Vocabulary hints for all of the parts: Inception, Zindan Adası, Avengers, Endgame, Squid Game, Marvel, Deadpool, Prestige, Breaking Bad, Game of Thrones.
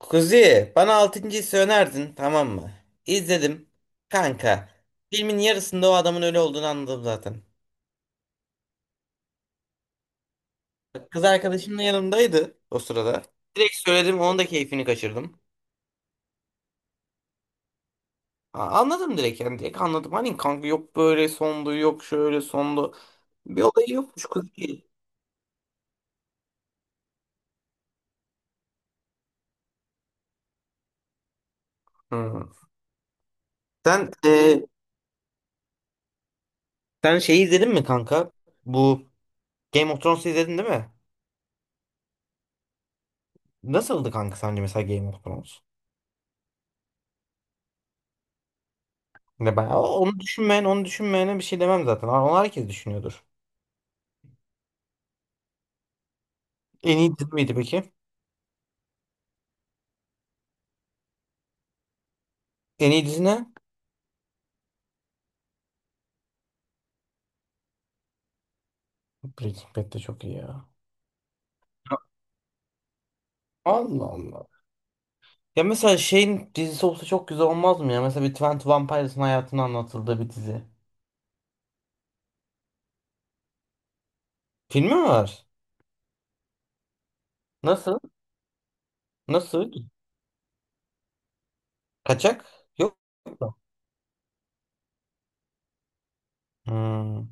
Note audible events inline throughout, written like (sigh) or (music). Kuzi, bana 6. hissi önerdin, tamam mı? İzledim. Kanka, filmin yarısında o adamın ölü olduğunu anladım zaten. Kız arkadaşım da yanımdaydı o sırada. Direkt söyledim, onun da keyfini kaçırdım. Anladım direkt yani, direkt anladım. Hani kanka yok böyle sondu, yok şöyle sondu. Bir olayı yokmuş Kuzi. Hı. Sen, sen şeyi izledin mi kanka? Bu Game of Thrones'u izledin değil mi? Nasıldı kanka sence mesela Game of Thrones? Ne ben onu düşünmeyen onu düşünmeyene bir şey demem zaten. Onu herkes düşünüyordur. En iyi dizi miydi peki? En iyi dizi ne? Breaking Bad de çok iyi ya. Allah Allah. Ya mesela şeyin dizisi olsa çok güzel olmaz mı ya? Mesela bir Twenty Vampire'sın hayatını anlatıldığı bir dizi. Filmi mi var? Nasıl? Nasıl? Kaçak? Yok mu? Hmm,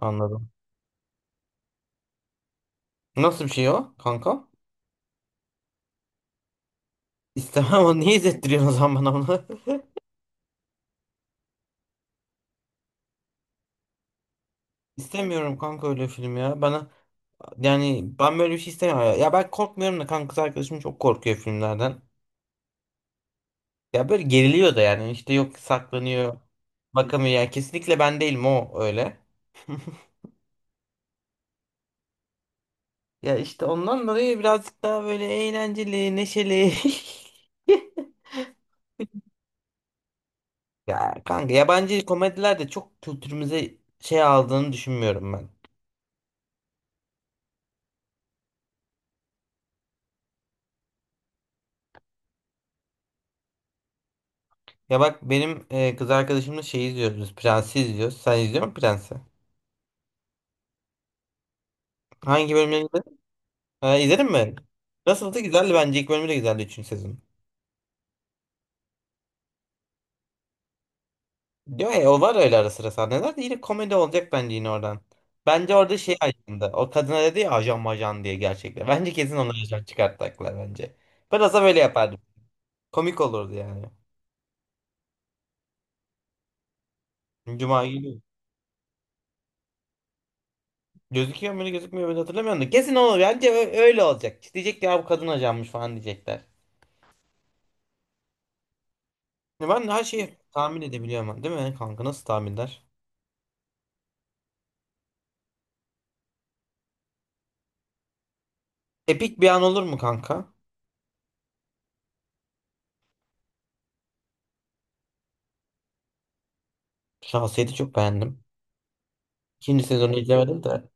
anladım. Nasıl bir şey o kanka? İstemem (laughs) ama niye izlettiriyorsun o zaman bana onu? (laughs) İstemiyorum kanka öyle film ya. Bana yani ben böyle bir şey istemiyorum. Ya ben korkmuyorum da kanka kız arkadaşım çok korkuyor filmlerden. Ya böyle geriliyor da yani işte yok saklanıyor. Bakamıyor yani kesinlikle ben değilim o öyle. Ya işte ondan dolayı birazcık daha böyle eğlenceli, neşeli. (laughs) Ya kanka yabancı komediler de çok kültürümüze şey aldığını düşünmüyorum ben. Ya bak benim kız arkadaşımla şey izliyoruz biz. Prensi izliyoruz. Sen izliyor musun Prens'i? Hangi bölümleri izledin? Ha, izledin mi? Nasıldı? Güzeldi bence. İlk bölümü de güzeldi 3. sezon. Diyor ya o var öyle ara sıra sahneler de yine komedi olacak bence yine oradan. Bence orada şey ajandı. O kadına dedi ya ajan majan diye gerçekten. Bence kesin onu ajan çıkartacaklar bence. Biraz da böyle yapardım. Komik olurdu yani. Cuma günü. Gözüküyor mu gözükmüyor mu hatırlamıyorum da. Kesin olur. Bence öyle olacak. Diyecek ki, ya bu kadın ajanmış falan diyecekler. Ya ben her şeyi tahmin edebiliyorum ama, değil mi kanka? Nasıl tahminler? Epik bir an olur mu kanka? Şahsiyeti çok beğendim. İkinci sezonu izlemedim de.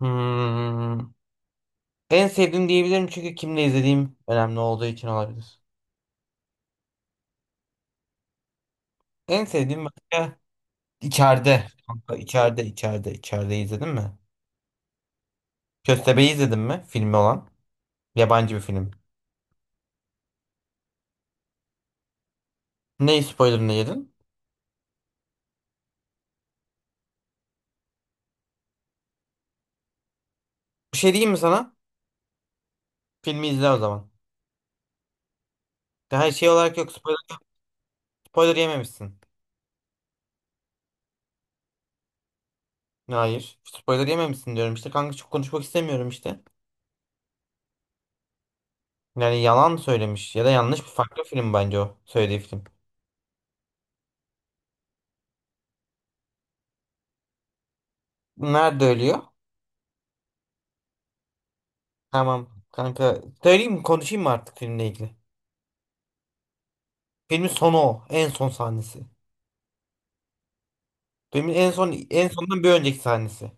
Hmm. En sevdiğim diyebilirim çünkü kimle izlediğim önemli olduğu için olabilir. En sevdiğim başka içeride. Kanka içeride izledin mi? Köstebeği izledin mi? Filmi olan. Yabancı bir film. Ne spoilerını yedin? Bir şey diyeyim mi sana? Filmi izle o zaman. Her şey olarak yok spoiler, spoiler yememişsin. Hayır. Spoiler yememişsin diyorum işte. Kanka çok konuşmak istemiyorum işte. Yani yalan söylemiş ya da yanlış bir farklı film bence o söylediği film. Nerede ölüyor? Tamam kanka. Söyleyeyim mi? Konuşayım mı artık filmle ilgili? Filmin sonu o. En son sahnesi. Filmin en son en sondan bir önceki sahnesi.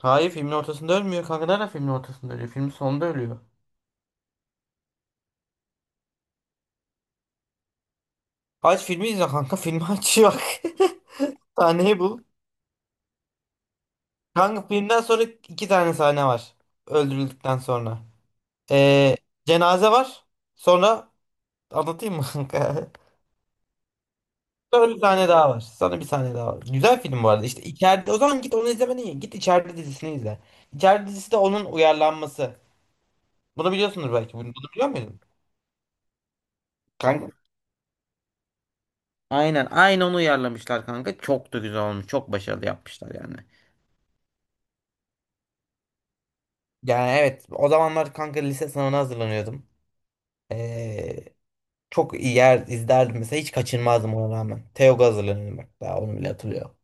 Hayır filmin ortasında ölmüyor kanka. Nerede filmin ortasında ölüyor? Filmin sonunda ölüyor. Aç filmi izle kanka. Filmi aç (laughs) bak. Sahneyi bul. Kanka filmden sonra iki tane sahne var. Öldürüldükten sonra. Ee, cenaze var. Sonra anlatayım mı kanka? (laughs) Sonra bir tane daha var. Sana bir tane daha var. Güzel film bu arada. İşte içeride o zaman git onu izlemene iyi. Git içeride dizisini izle. İçeride dizisi de onun uyarlanması. Bunu biliyorsundur belki. Bunu biliyor muydun? Kanka, aynen aynı onu uyarlamışlar kanka. Çok da güzel olmuş. Çok başarılı yapmışlar yani. Yani evet o zamanlar kanka lise sınavına hazırlanıyordum. Ee, çok iyi yer izlerdim mesela hiç kaçırmazdım ona rağmen. TEOG'a hazırlanıyordum bak daha onu bile hatırlıyorum.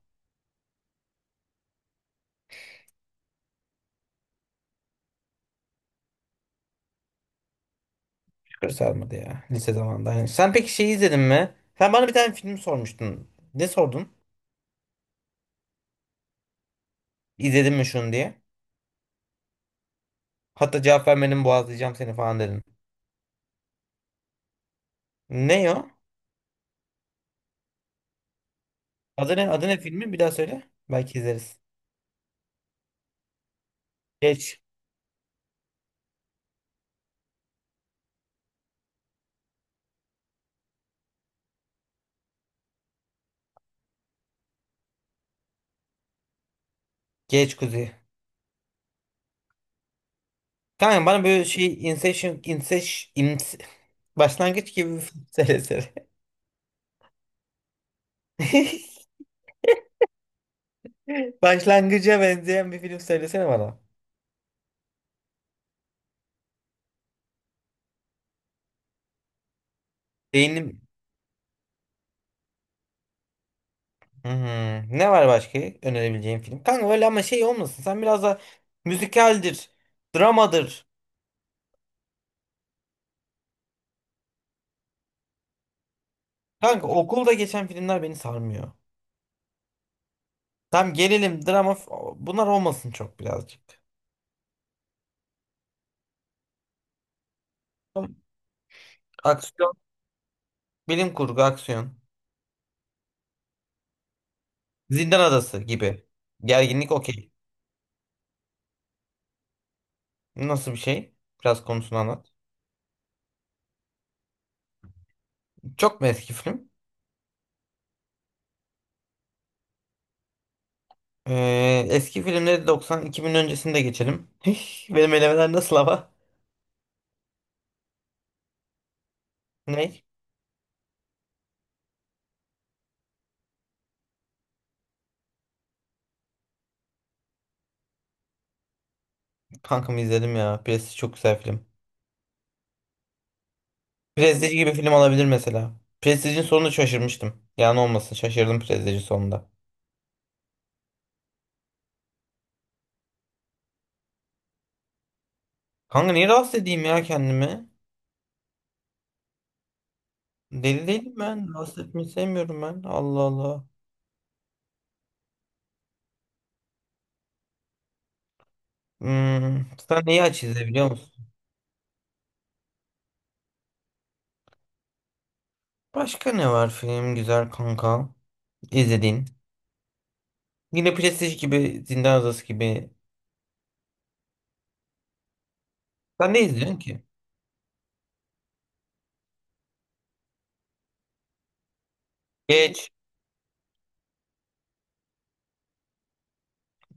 Şükür sarmadı ya lise zamanında. Yani sen peki şey izledin mi? Sen bana bir tane film sormuştun. Ne sordun? İzledin mi şunu diye? Hatta cevap vermedim boğazlayacağım seni falan dedin. Ne o? Adı ne? Adı ne filmi? Bir daha söyle. Belki izleriz. Geç. Geç Kuzi. Kanka bana böyle şey Inception, başlangıç gibi bir film söylesene. (laughs) Başlangıca benzeyen bir film söylesene bana. Beynim hmm, ne var başka önerebileceğim film? Kanka öyle ama şey olmasın. Sen biraz da müzikaldir, dramadır. Kanka okulda geçen filmler beni sarmıyor. Tam gerilim, bunlar olmasın çok birazcık. Tamam. Aksiyon, bilim kurgu, aksiyon. Zindan Adası gibi. Gerginlik okey. Nasıl bir şey? Biraz konusunu anlat. Çok mu eski film? Eski filmleri 90-2000 öncesinde geçelim. Hih, benim elemeler nasıl ama? Ne? Kankamı izledim ya. Prestige çok güzel film. Prestige gibi film olabilir mesela. Prestige'in sonunda şaşırmıştım. Yani olmasın şaşırdım Prestige'in sonunda. Kanka niye rahatsız edeyim ya kendimi? Deli değilim ben. Rahatsız etmeyi sevmiyorum ben. Allah Allah. Sen neyi aç izle biliyor musun? Başka ne var film güzel kanka? İzlediğin. Yine Prestige gibi Zindan Adası gibi. Sen ne izliyorsun ki? Geç.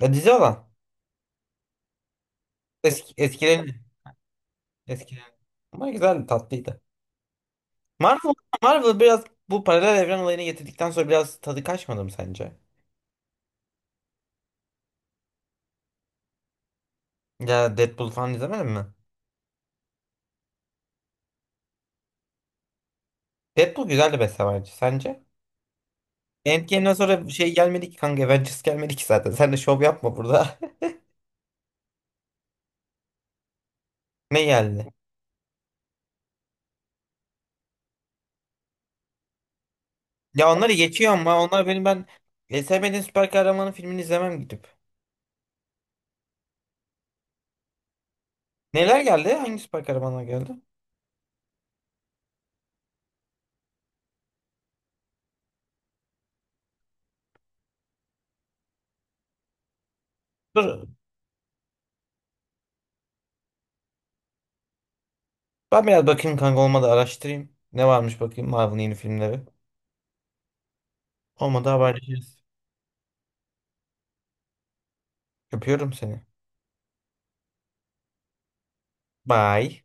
Ya dizi olan. Eski, eskilerin. Eskilerin. Ama güzel tatlıydı. Marvel, Marvel biraz bu paralel evren olayını getirdikten sonra biraz tadı kaçmadı mı sence? Ya Deadpool falan izlemedin mi? Deadpool güzeldi mesela bence. Sence? Endgame'den sonra bir şey gelmedi ki kanka. Avengers gelmedi ki zaten. Sen de şov yapma burada. (laughs) Ne geldi? Ya onları geçiyor ama onlar benim ben sevmediğim süper kahramanın filmini izlemem gidip. Neler geldi? Hangi süper kahramanlar geldi? Dur. Ben biraz bakayım kanka olmadı araştırayım. Ne varmış bakayım Marvel'ın yeni filmleri. Olmadı haberleşiriz. Öpüyorum seni. Bye.